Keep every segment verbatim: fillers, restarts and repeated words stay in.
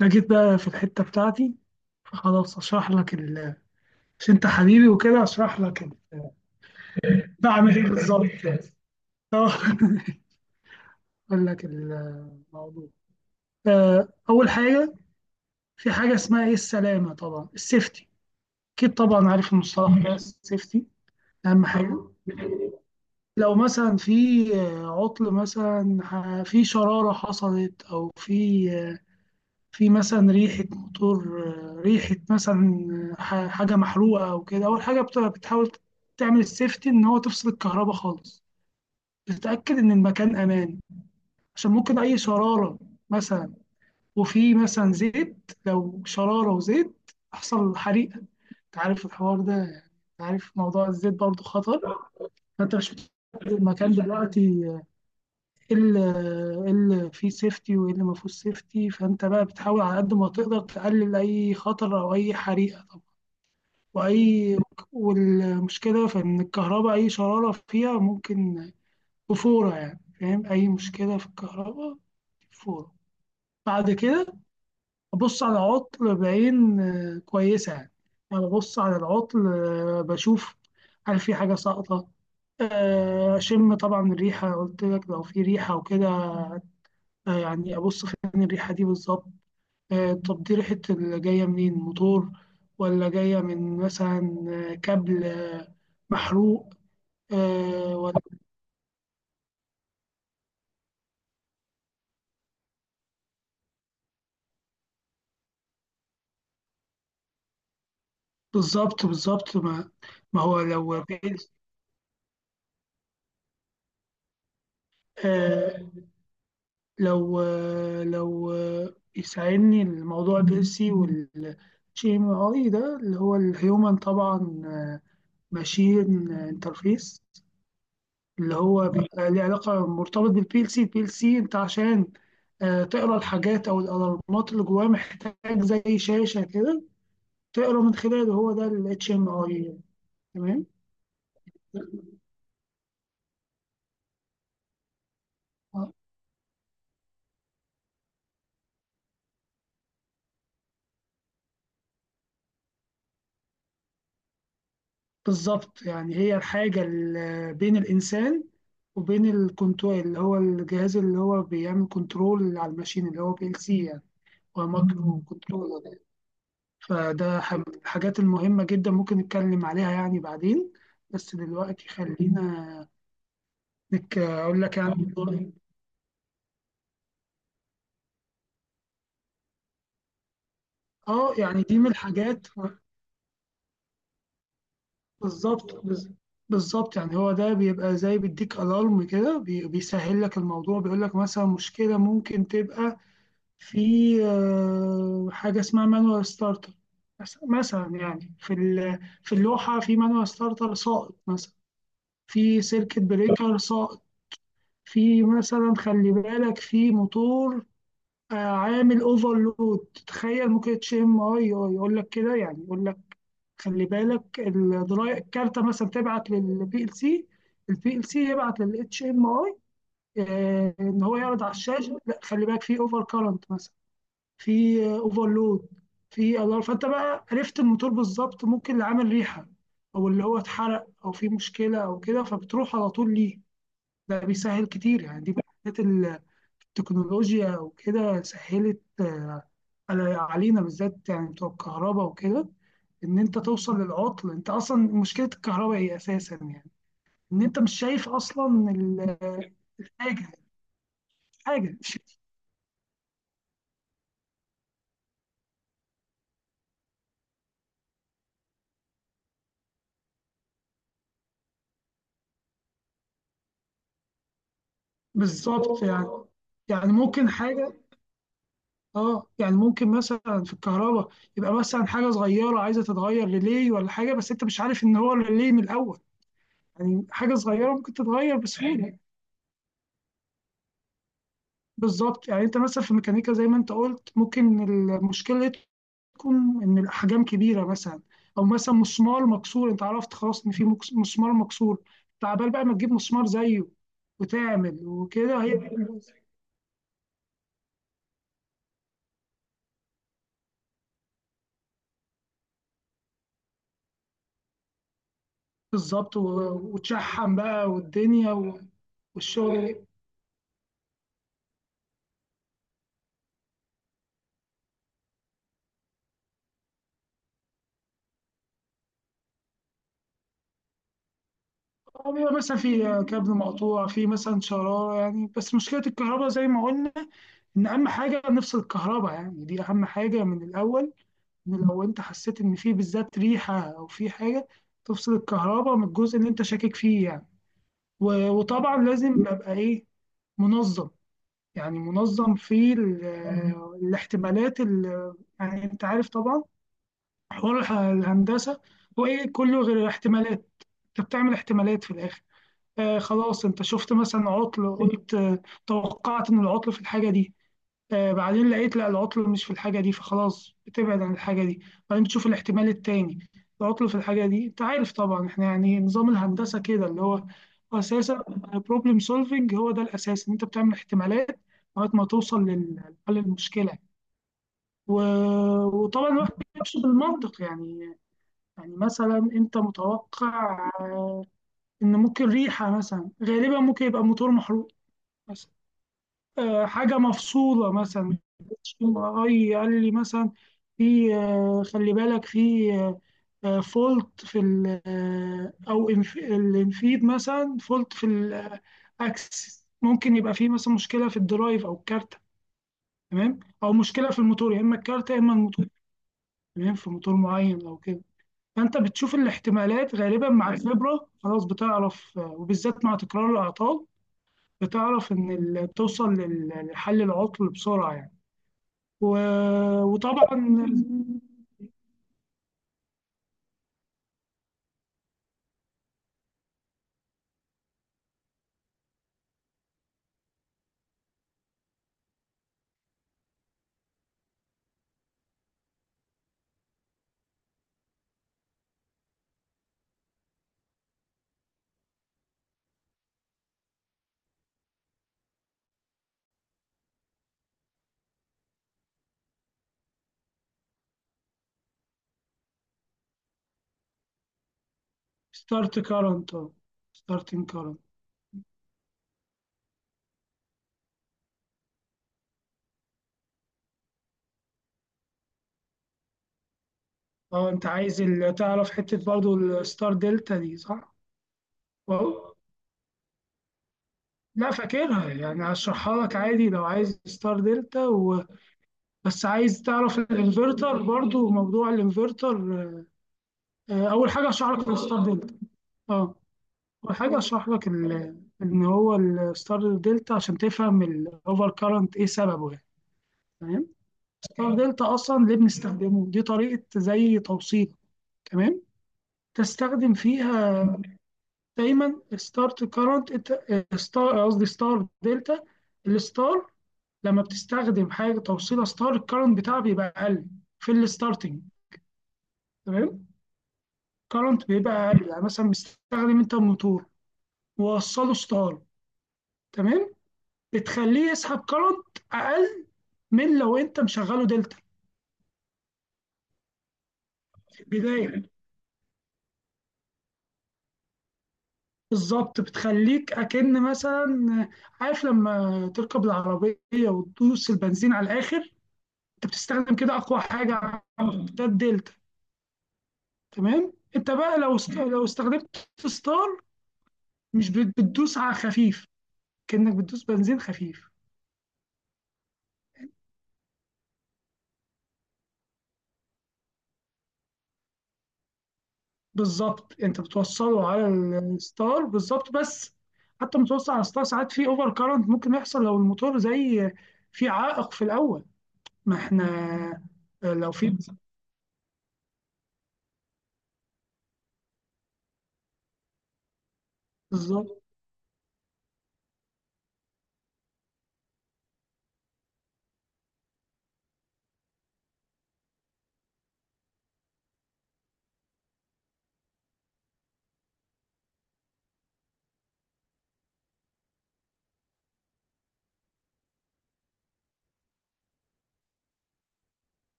أنا جيت بقى في الحتة بتاعتي، فخلاص أشرح لك ال... عشان أنت حبيبي وكده أشرح لك ال... بعمل إيه بالظبط؟ آه، أقول لك الموضوع. آه، أول حاجة، في حاجة اسمها إيه، السلامة، طبعا السيفتي، أكيد طبعا عارف المصطلح ده، السيفتي. أهم حاجة، لو مثلا في آه، عطل مثلا، ح- في شرارة حصلت، أو في في مثلا ريحة موتور، آه، ريحة مثلا ح- حاجة محروقة أو كده، أول حاجة بت- بتحاول تعمل السيفتي، إن هو تفصل الكهرباء خالص، تتأكد إن المكان أمان، عشان ممكن أي شرارة مثلا، وفي مثلا زيت، لو شرارة وزيت يحصل حريقة. أنت عارف الحوار ده، يعني أنت عارف موضوع الزيت برضه خطر. فأنت مش متأكد المكان دلوقتي، ايه اللي إيه اللي فيه سيفتي وايه اللي ما فيهوش سيفتي. فانت بقى بتحاول على قد ما تقدر تقلل اي خطر او اي حريقه طبعا. واي والمشكله في ان الكهرباء، اي شراره فيها ممكن بفوره، يعني فاهم، اي مشكله في الكهرباء فوره. بعد كده ابص على عطل بعين آه، كويسه يعني، انا ببص على العطل آه، بشوف هل في حاجه ساقطه، آه، اشم طبعا الريحه، قلت لك لو في ريحه وكده، آه، يعني أبص فين الريحة دي بالظبط، آه، طب دي ريحة اللي جاية منين، موتور ولا جاية من مثلا آه، كابل آه، محروق، آه، ولا بالظبط بالظبط ما ما هو لو بي- آه، لو آه، لو آه، يساعدني، الموضوع بيرسي، والجي ام اي ده اللي هو الهيومن طبعا ماشين انترفيس، اللي هو بيبقى ليه علاقة مرتبط بالبي ال سي. البي ال سي انت عشان آه، تقرا الحاجات او الالارمات اللي جواه، محتاج زي شاشة كده تقرا من خلاله، هو ده ال إتش إم آي. تمام. آه، بالظبط، يعني هي الحاجة اللي بين الإنسان وبين الكنترول، اللي هو الجهاز اللي هو بيعمل كنترول على الماشين، اللي هو بي ال سي يعني. هو مايكرو كنترولر يعني. فده ح- الحاجات المهمة جدا، ممكن نتكلم عليها يعني بعدين، بس دلوقتي خلينا انك اقول لك يعني. اه، يعني دي من الحاجات. بالظبط بز- بالظبط يعني، هو ده بيبقى زي بيديك الارم كده، بي- بيسهل لك الموضوع، بيقول لك مثلا مشكله ممكن تبقى في آه، حاجه اسمها مانوال ستارتر مثلا، يعني في ال- في اللوحه في مانوال ستارتر ساقط مثلا، في سيركت بريكر ساقط، في مثلا خلي بالك في موتور آه، عامل اوفرلود، تخيل ممكن تشم، اه يقول لك كده يعني، يقول لك خلي بالك الدراي، الكارتة مثلا تبعت للبي ال سي، البي ال سي يبعت للاتش ام اي، ان هو يعرض على الشاشة، لا خلي بالك في اوفر كارنت مثلا، في اوفرلود، في الار. فانت بقى عرفت الموتور بالظبط، ممكن اللي عامل ريحة او اللي هو اتحرق او في مشكلة او كده، فبتروح على طول ليه. ده بيسهل كتير يعني، دي من الحاجات، التكنولوجيا وكده سهلت آه، على- علينا بالذات، يعني بتوع الكهرباء وكده، ان انت توصل للعطل. انت اصلا مشكله الكهرباء ايه اساسا يعني، ان انت مش شايف اصلا ال- الحاجه، الحاجه مش- بالظبط يعني. يعني ممكن حاجه، اه يعني ممكن مثلا في الكهرباء يبقى مثلا حاجه صغيره عايزه تتغير، ريلي ولا حاجه، بس انت مش عارف ان هو ريلي من الاول، يعني حاجه صغيره ممكن تتغير بسهوله. بالظبط، يعني انت مثلا في الميكانيكا زي ما انت قلت، ممكن المشكله تكون ان الاحجام كبيره مثلا، او مثلا مسمار مكسور، انت عرفت خلاص ان في مكس- مسمار مكسور، تعبان بقى، ما تجيب مسمار زيه وتعمل وكده. هي بالظبط، و- وتشحم بقى والدنيا و- والشغل، أو بيبقى مثلا في كابل مقطوع، في مثلا شرارة يعني. بس مشكلة الكهرباء زي ما قلنا، إن أهم حاجة نفصل الكهرباء، يعني دي أهم حاجة من الأول، ان لو انت حسيت ان في بالذات ريحه او في حاجه، تفصل الكهرباء من الجزء اللي انت شاكك فيه يعني. و- وطبعا لازم ابقى ايه، منظم، يعني منظم في ال- الاحتمالات ال- يعني. انت عارف طبعا حوار الح- الهندسه، هو ايه؟ كله غير الاحتمالات، انت بتعمل احتمالات في الاخر. آه خلاص، انت شفت مثلا عطل، قلت آه، توقعت ان العطل في الحاجه دي، آه، بعدين لقيت لا، العطل مش في الحاجة دي، فخلاص بتبعد عن الحاجة دي، بعدين بتشوف الاحتمال التاني، العطل في الحاجة دي. انت عارف طبعا احنا يعني، نظام الهندسة كده اللي هو، هو اساسا بروبلم سولفنج. هو ده الاساس، ان انت بتعمل احتمالات لغاية ما توصل لل- لحل المشكلة. و- وطبعا الواحد بيمشي بالمنطق يعني، يعني مثلا انت متوقع آه، ان ممكن ريحة مثلا، غالبا ممكن يبقى موتور محروق مثلا، آه، حاجة مفصولة مثلا، ام ار اي قال لي مثلا، في آه، خلي بالك في آه، آه، فولت في ال آه، او إنف- الانفيد مثلا فولت في الاكسس، ممكن يبقى في مثلا مشكلة في الدرايف او الكارتة، تمام، او مشكلة في الموتور، يا اما الكارتة يا اما الموتور، تمام، في موتور معين لو كده. فانت بتشوف الاحتمالات، غالبا مع الخبرة خلاص بتعرف آه، وبالذات مع تكرار الاعطال بتعرف ان ال- توصل لل- لحل العطل بسرعة يعني. و... وطبعا ستارت كارنت، اه. ستارتنج كارنت. اه، انت عايز ال- تعرف حته برضو الستار دلتا دي صح؟ و- لا فاكرها، يعني هشرحها لك عادي لو عايز، ستار دلتا و... بس عايز تعرف الانفرتر برضو، موضوع الانفرتر. آه، اول حاجه هشرح لك الستار دلتا. اه، اول حاجه هشرح لك ال... ان هو الستار دلتا، عشان تفهم الاوفر كارنت ايه سببه يعني. تمام. فالدلتا اصلا ليه بنستخدمه؟ دي طريقه زي توصيل، تمام، تستخدم فيها دايما ستارت كارنت. ستار قصدي، ستار دلتا. الستار لما بتستخدم حاجه، توصيله ستار، الكارنت بتاعها بيبقى اقل، في الستارتنج، تمام، كارنت بيبقى اقل، يعني مثلا مستخدم انت الموتور ووصله ستار، تمام، بتخليه يسحب كارنت اقل من لو انت مشغله دلتا في البدايه. بالظبط، بتخليك أكن مثلا، عارف لما تركب العربية وتدوس البنزين على الآخر، أنت بتستخدم كده أقوى حاجة عندك، ده الدلتا. تمام، أنت بقى لو است... لو استخدمت ستار، مش بت- بتدوس على خفيف، كأنك بتدوس بنزين خفيف. بالظبط، أنت بتوصله على الستار، بالظبط، بس حتى متوصل على الستار ساعات في أوفر كارنت ممكن يحصل، لو الموتور زي في عائق في الأول. ما إحنا آه، لو في، بالظبط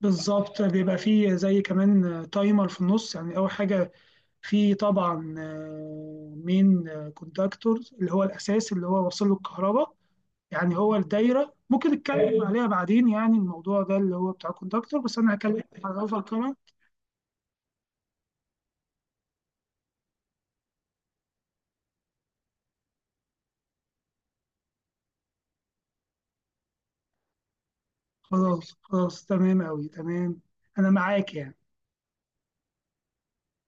بالظبط، بيبقى فيه زي كمان تايمر في النص، يعني أول حاجة فيه طبعا مين، كوندكتور، اللي هو الأساس اللي هو واصل له الكهرباء، يعني هو الدايرة، ممكن نتكلم عليها بعدين، يعني الموضوع ده اللي هو بتاع الكوندكتور، بس أنا هكلم على الأوفر كمان. خلاص خلاص، تمام أوي تمام، أنا معاك يعني.